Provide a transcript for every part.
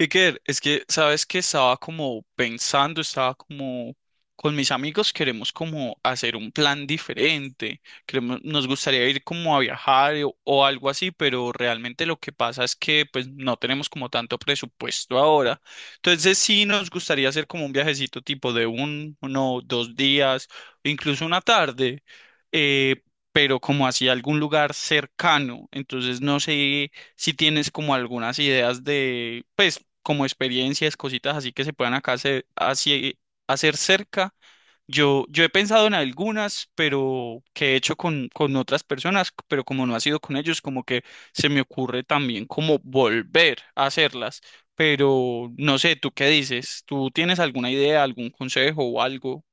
Iker, es que, sabes que estaba como pensando, estaba como con mis amigos queremos como hacer un plan diferente, queremos, nos gustaría ir como a viajar o algo así, pero realmente lo que pasa es que pues no tenemos como tanto presupuesto ahora. Entonces sí nos gustaría hacer como un viajecito tipo de uno, 2 días, incluso una tarde, eh, pero como hacia algún lugar cercano. Entonces no sé si tienes como algunas ideas de, pues, como experiencias, cositas así que se puedan acá hacer, hacer cerca. Yo he pensado en algunas, pero que he hecho con, otras personas, pero como no ha sido con ellos, como que se me ocurre también como volver a hacerlas. Pero no sé, ¿tú qué dices? ¿Tú tienes alguna idea, algún consejo o algo?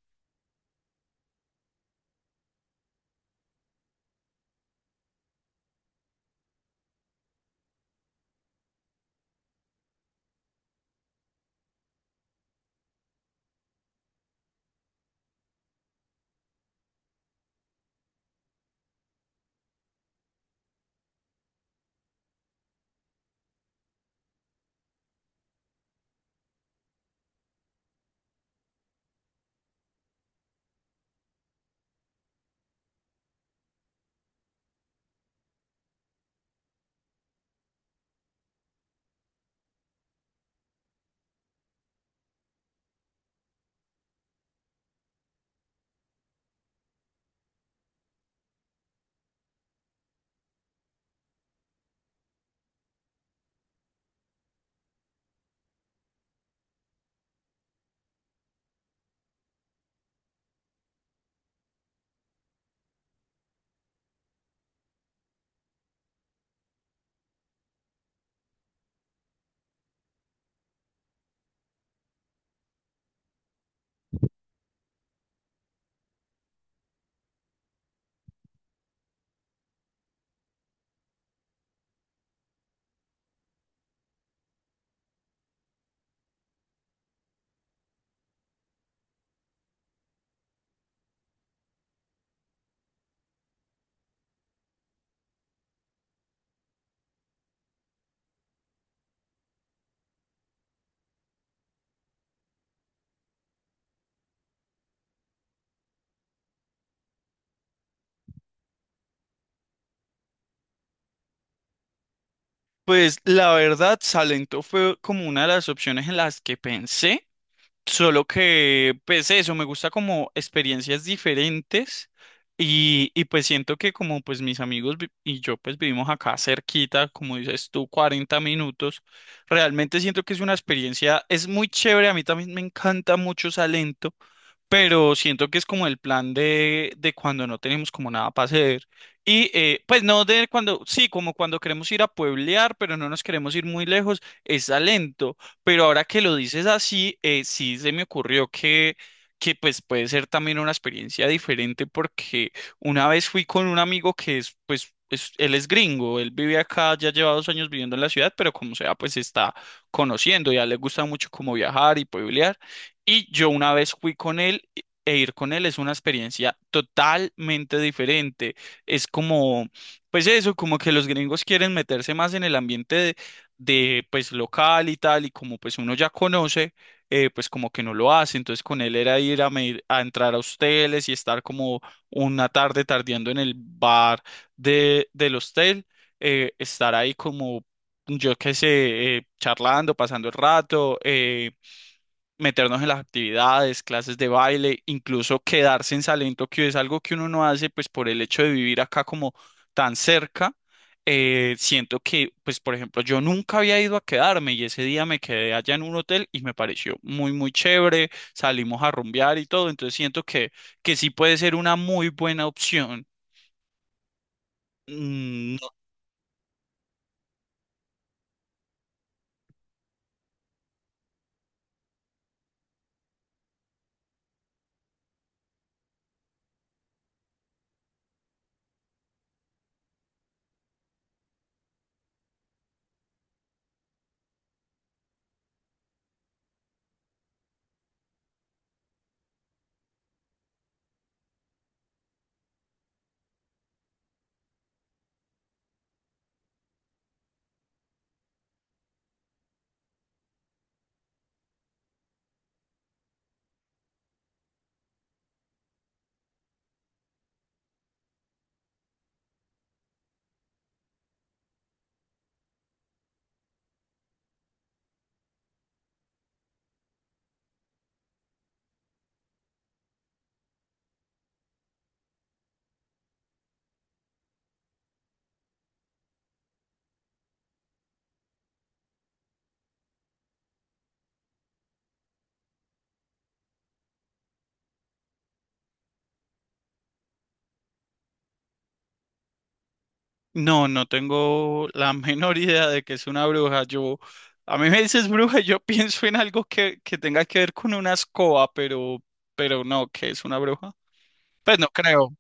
Pues la verdad, Salento fue como una de las opciones en las que pensé. Solo que, pues eso, me gusta como experiencias diferentes y pues siento que como pues mis amigos y yo pues vivimos acá cerquita, como dices tú, 40 minutos, realmente siento que es una experiencia, es muy chévere, a mí también me encanta mucho Salento, pero siento que es como el plan de, cuando no tenemos como nada para hacer y pues no de cuando, sí, como cuando queremos ir a pueblear, pero no nos queremos ir muy lejos, es Salento. Pero ahora que lo dices así, sí se me ocurrió que, pues puede ser también una experiencia diferente porque una vez fui con un amigo que es, pues, él es gringo, él vive acá, ya lleva 2 años viviendo en la ciudad, pero como sea, pues está conociendo, ya le gusta mucho como viajar y pueblear. Y yo una vez fui con él e ir con él es una experiencia totalmente diferente. Es como, pues eso, como que los gringos quieren meterse más en el ambiente de pues local y tal, y como pues uno ya conoce, pues como que no lo hace, entonces con él era ir a entrar a hosteles y estar como una tarde tardeando en el bar de, del hostel, estar ahí como, yo qué sé, charlando, pasando el rato, meternos en las actividades, clases de baile, incluso quedarse en Salento, que es algo que uno no hace, pues por el hecho de vivir acá como tan cerca. Siento que, pues por ejemplo, yo nunca había ido a quedarme y ese día me quedé allá en un hotel y me pareció muy, muy chévere, salimos a rumbear y todo, entonces siento que, sí puede ser una muy buena opción. Mm. No, no tengo la menor idea de que es una bruja. Yo, a mí me dices bruja, y yo pienso en algo que tenga que ver con una escoba, pero no, que es una bruja. Pues no creo.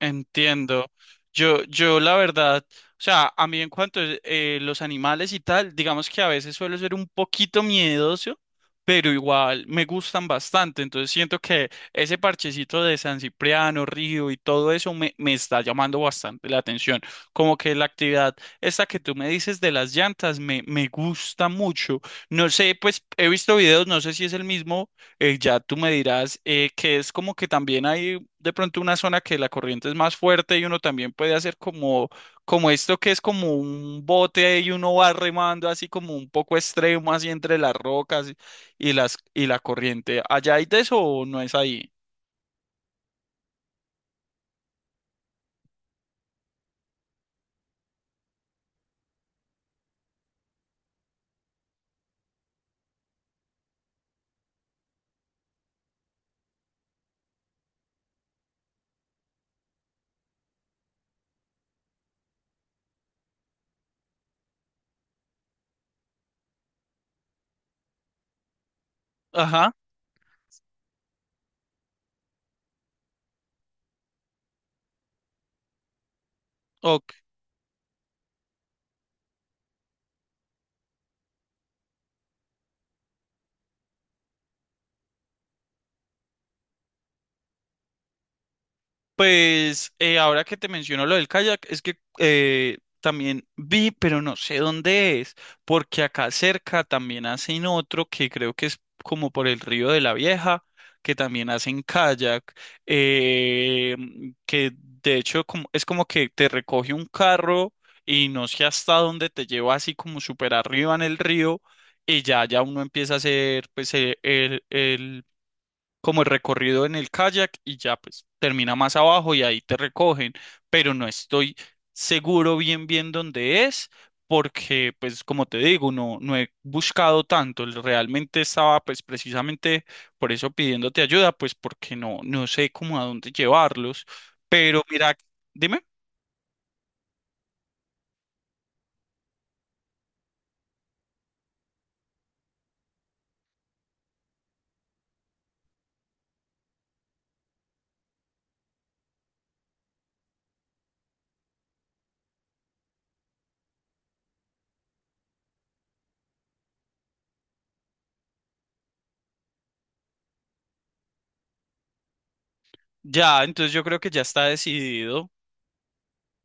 Entiendo. Yo la verdad, o sea, a mí en cuanto a los animales y tal, digamos que a veces suelo ser un poquito miedoso, pero igual me gustan bastante. Entonces siento que ese parchecito de San Cipriano, Río y todo eso me está llamando bastante la atención. Como que la actividad esta que tú me dices de las llantas me gusta mucho. No sé, pues he visto videos, no sé si es el mismo, ya tú me dirás, que es como que también hay de pronto una zona que la corriente es más fuerte y uno también puede hacer como, como esto que es como un bote y uno va remando así como un poco extremo, así entre las rocas y la corriente. ¿Allá hay de eso o no es ahí? Ajá. Ok. Pues ahora que te menciono lo del kayak, es que también vi, pero no sé dónde es, porque acá cerca también hacen otro que creo que es como por el río de la Vieja, que también hacen kayak, eh, que de hecho es como que te recoge un carro y no sé hasta dónde te lleva así como súper arriba en el río y ya uno empieza a hacer pues el como el recorrido en el kayak y ya pues termina más abajo y ahí te recogen, pero no estoy seguro bien bien dónde es porque pues como te digo, no he buscado tanto, realmente estaba pues precisamente por eso pidiéndote ayuda, pues porque no sé cómo a dónde llevarlos, pero mira, dime, ya, entonces yo creo que ya está decidido.